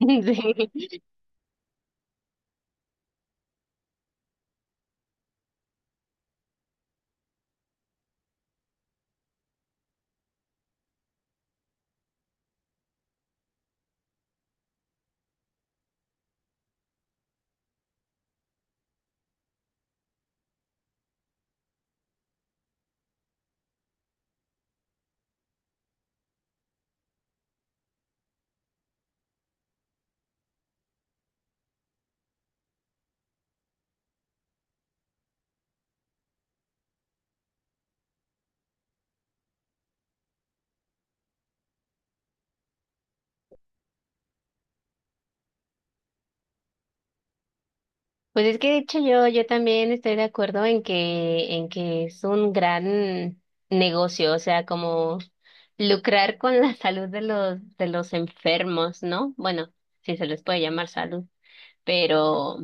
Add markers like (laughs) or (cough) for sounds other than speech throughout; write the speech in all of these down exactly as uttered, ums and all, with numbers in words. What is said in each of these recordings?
(laughs) Sí. Pues es que de hecho yo, yo también estoy de acuerdo en que, en que es un gran negocio, o sea, como lucrar con la (laughs) salud de los, de los enfermos, ¿no? Bueno, si se les puede llamar salud, pero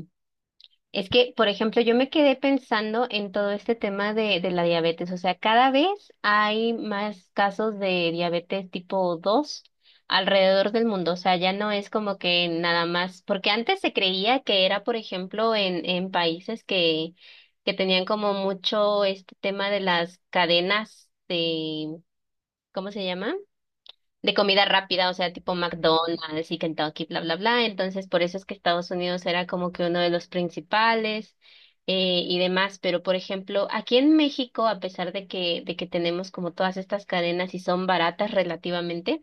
es que, por ejemplo, yo me quedé pensando en todo este tema de, de la diabetes. O sea, cada vez hay más casos de diabetes tipo dos alrededor del mundo. O sea, ya no es como que nada más, porque antes se creía que era, por ejemplo, en, en países que, que tenían como mucho este tema de las cadenas de, ¿cómo se llama?, de comida rápida, o sea, tipo McDonald's y Kentucky, bla, bla, bla. Entonces, por eso es que Estados Unidos era como que uno de los principales, eh, y demás. Pero, por ejemplo, aquí en México, a pesar de que, de que tenemos como todas estas cadenas y son baratas relativamente,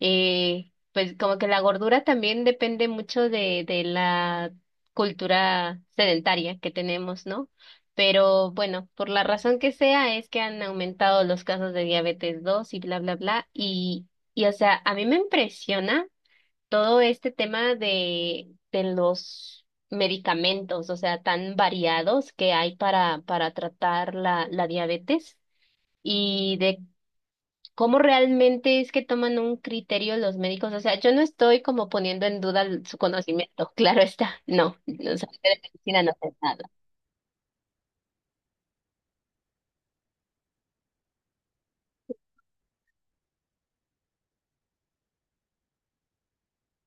eh, pues como que la gordura también depende mucho de, de la cultura sedentaria que tenemos, ¿no? Pero bueno, por la razón que sea, es que han aumentado los casos de diabetes dos y bla, bla, bla. Y, y o sea, a mí me impresiona todo este tema de, de los medicamentos, o sea, tan variados que hay para, para tratar la, la diabetes y de cómo realmente es que toman un criterio los médicos. O sea, yo no estoy como poniendo en duda l- su conocimiento, (laughs) claro está, no, los saber de medicina no sé nada.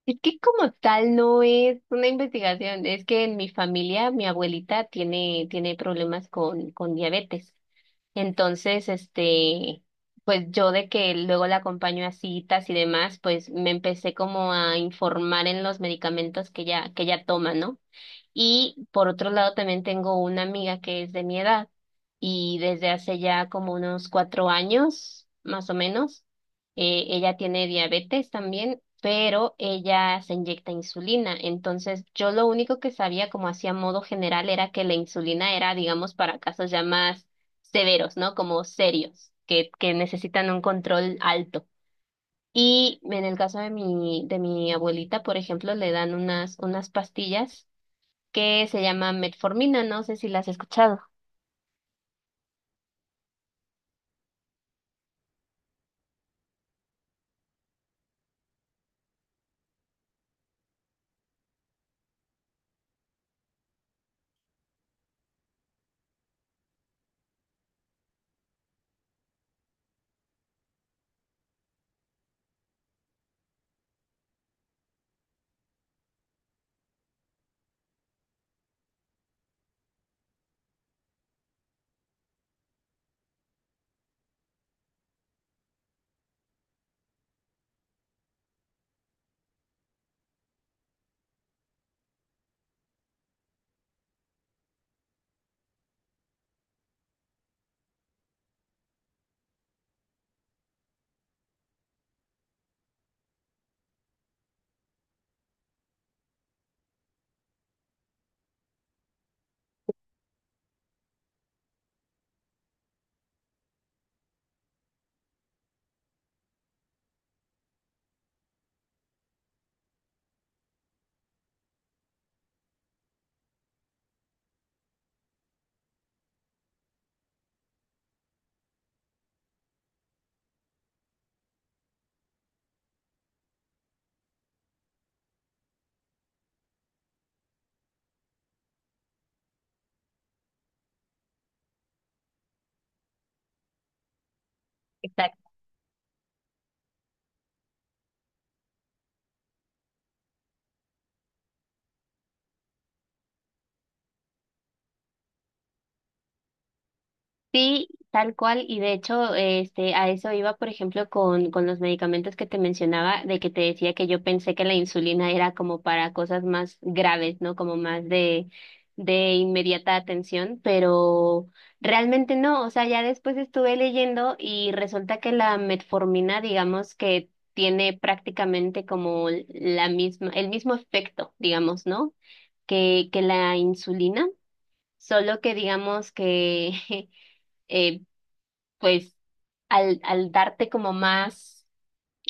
Es que como tal no es una investigación, es que en mi familia mi abuelita tiene, tiene problemas con, con diabetes. Entonces, este, pues yo de que luego la acompaño a citas y demás, pues me empecé como a informar en los medicamentos que ella, que ella toma, ¿no? Y por otro lado, también tengo una amiga que es de mi edad y desde hace ya como unos cuatro años, más o menos, eh, ella tiene diabetes también, pero ella se inyecta insulina. Entonces, yo lo único que sabía como hacía modo general era que la insulina era, digamos, para casos ya más severos, ¿no? Como serios, que, que necesitan un control alto. Y en el caso de mi, de mi abuelita, por ejemplo, le dan unas, unas pastillas que se llama metformina, no sé si la has escuchado. Exacto. Sí, tal cual, y de hecho, este, a eso iba, por ejemplo, con, con los medicamentos que te mencionaba, de que te decía que yo pensé que la insulina era como para cosas más graves, ¿no? Como más de, de inmediata atención, pero realmente no, o sea, ya después estuve leyendo y resulta que la metformina, digamos que tiene prácticamente como la misma, el mismo efecto, digamos, ¿no?, que, que la insulina, solo que digamos que, (laughs) eh, pues, al, al darte como más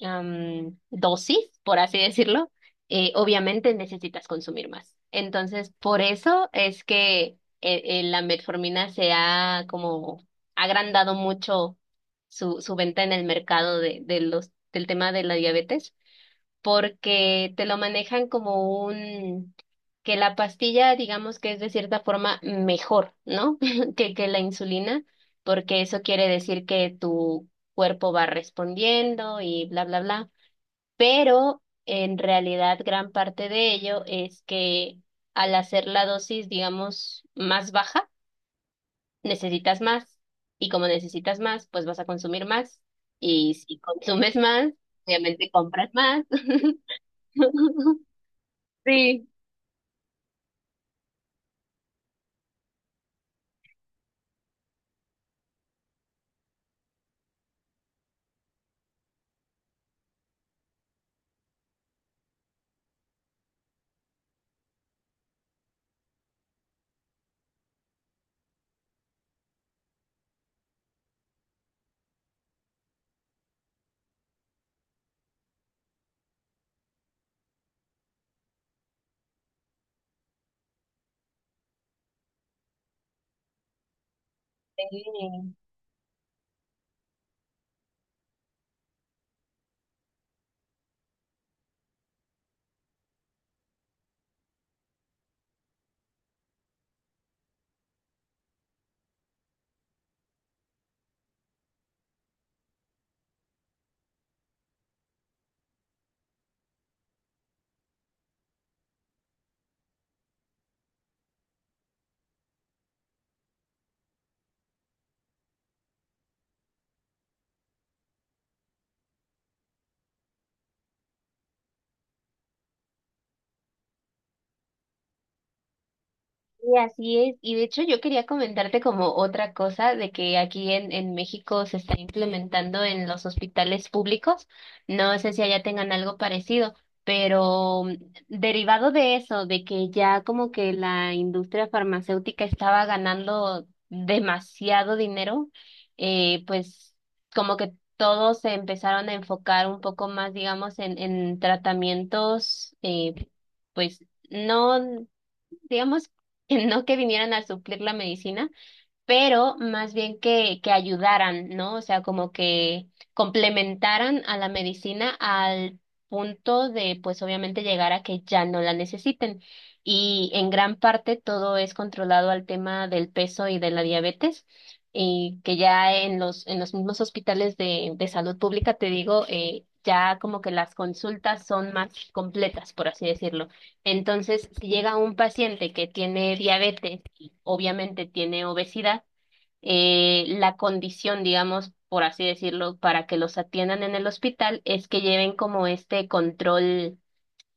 am, dosis, por así decirlo, eh, obviamente necesitas consumir más. Entonces, por eso es que eh, eh, la metformina se ha como agrandado mucho su, su venta en el mercado de, de los, del tema de la diabetes, porque te lo manejan como un, que la pastilla, digamos que es de cierta forma mejor, ¿no? (laughs) que, que la insulina, porque eso quiere decir que tu cuerpo va respondiendo y bla, bla, bla. Pero en realidad gran parte de ello es que al hacer la dosis, digamos, más baja, necesitas más. Y como necesitas más, pues vas a consumir más. Y si consumes más, obviamente compras más. (laughs) Sí, sí. Y así es. Y de hecho yo quería comentarte como otra cosa de que aquí en, en México se está implementando en los hospitales públicos. No sé si allá tengan algo parecido, pero mm, derivado de eso, de que ya como que la industria farmacéutica estaba ganando demasiado dinero, eh, pues como que todos se empezaron a enfocar un poco más, digamos, en, en tratamientos, eh, pues no digamos que no, que vinieran a suplir la medicina, pero más bien que, que ayudaran, ¿no? O sea, como que complementaran a la medicina al punto de, pues obviamente, llegar a que ya no la necesiten. Y en gran parte todo es controlado al tema del peso y de la diabetes. Y que ya en los, en los mismos hospitales de, de salud pública, te digo, eh, ya como que las consultas son más completas, por así decirlo. Entonces, si llega un paciente que tiene diabetes, obviamente tiene obesidad, eh, la condición, digamos, por así decirlo, para que los atiendan en el hospital es que lleven como este control,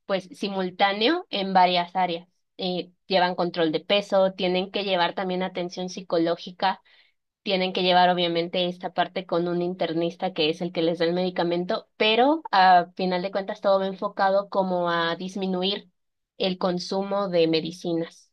pues, simultáneo en varias áreas. Eh, llevan control de peso, tienen que llevar también atención psicológica, tienen que llevar obviamente esta parte con un internista que es el que les da el medicamento, pero a final de cuentas todo va enfocado como a disminuir el consumo de medicinas.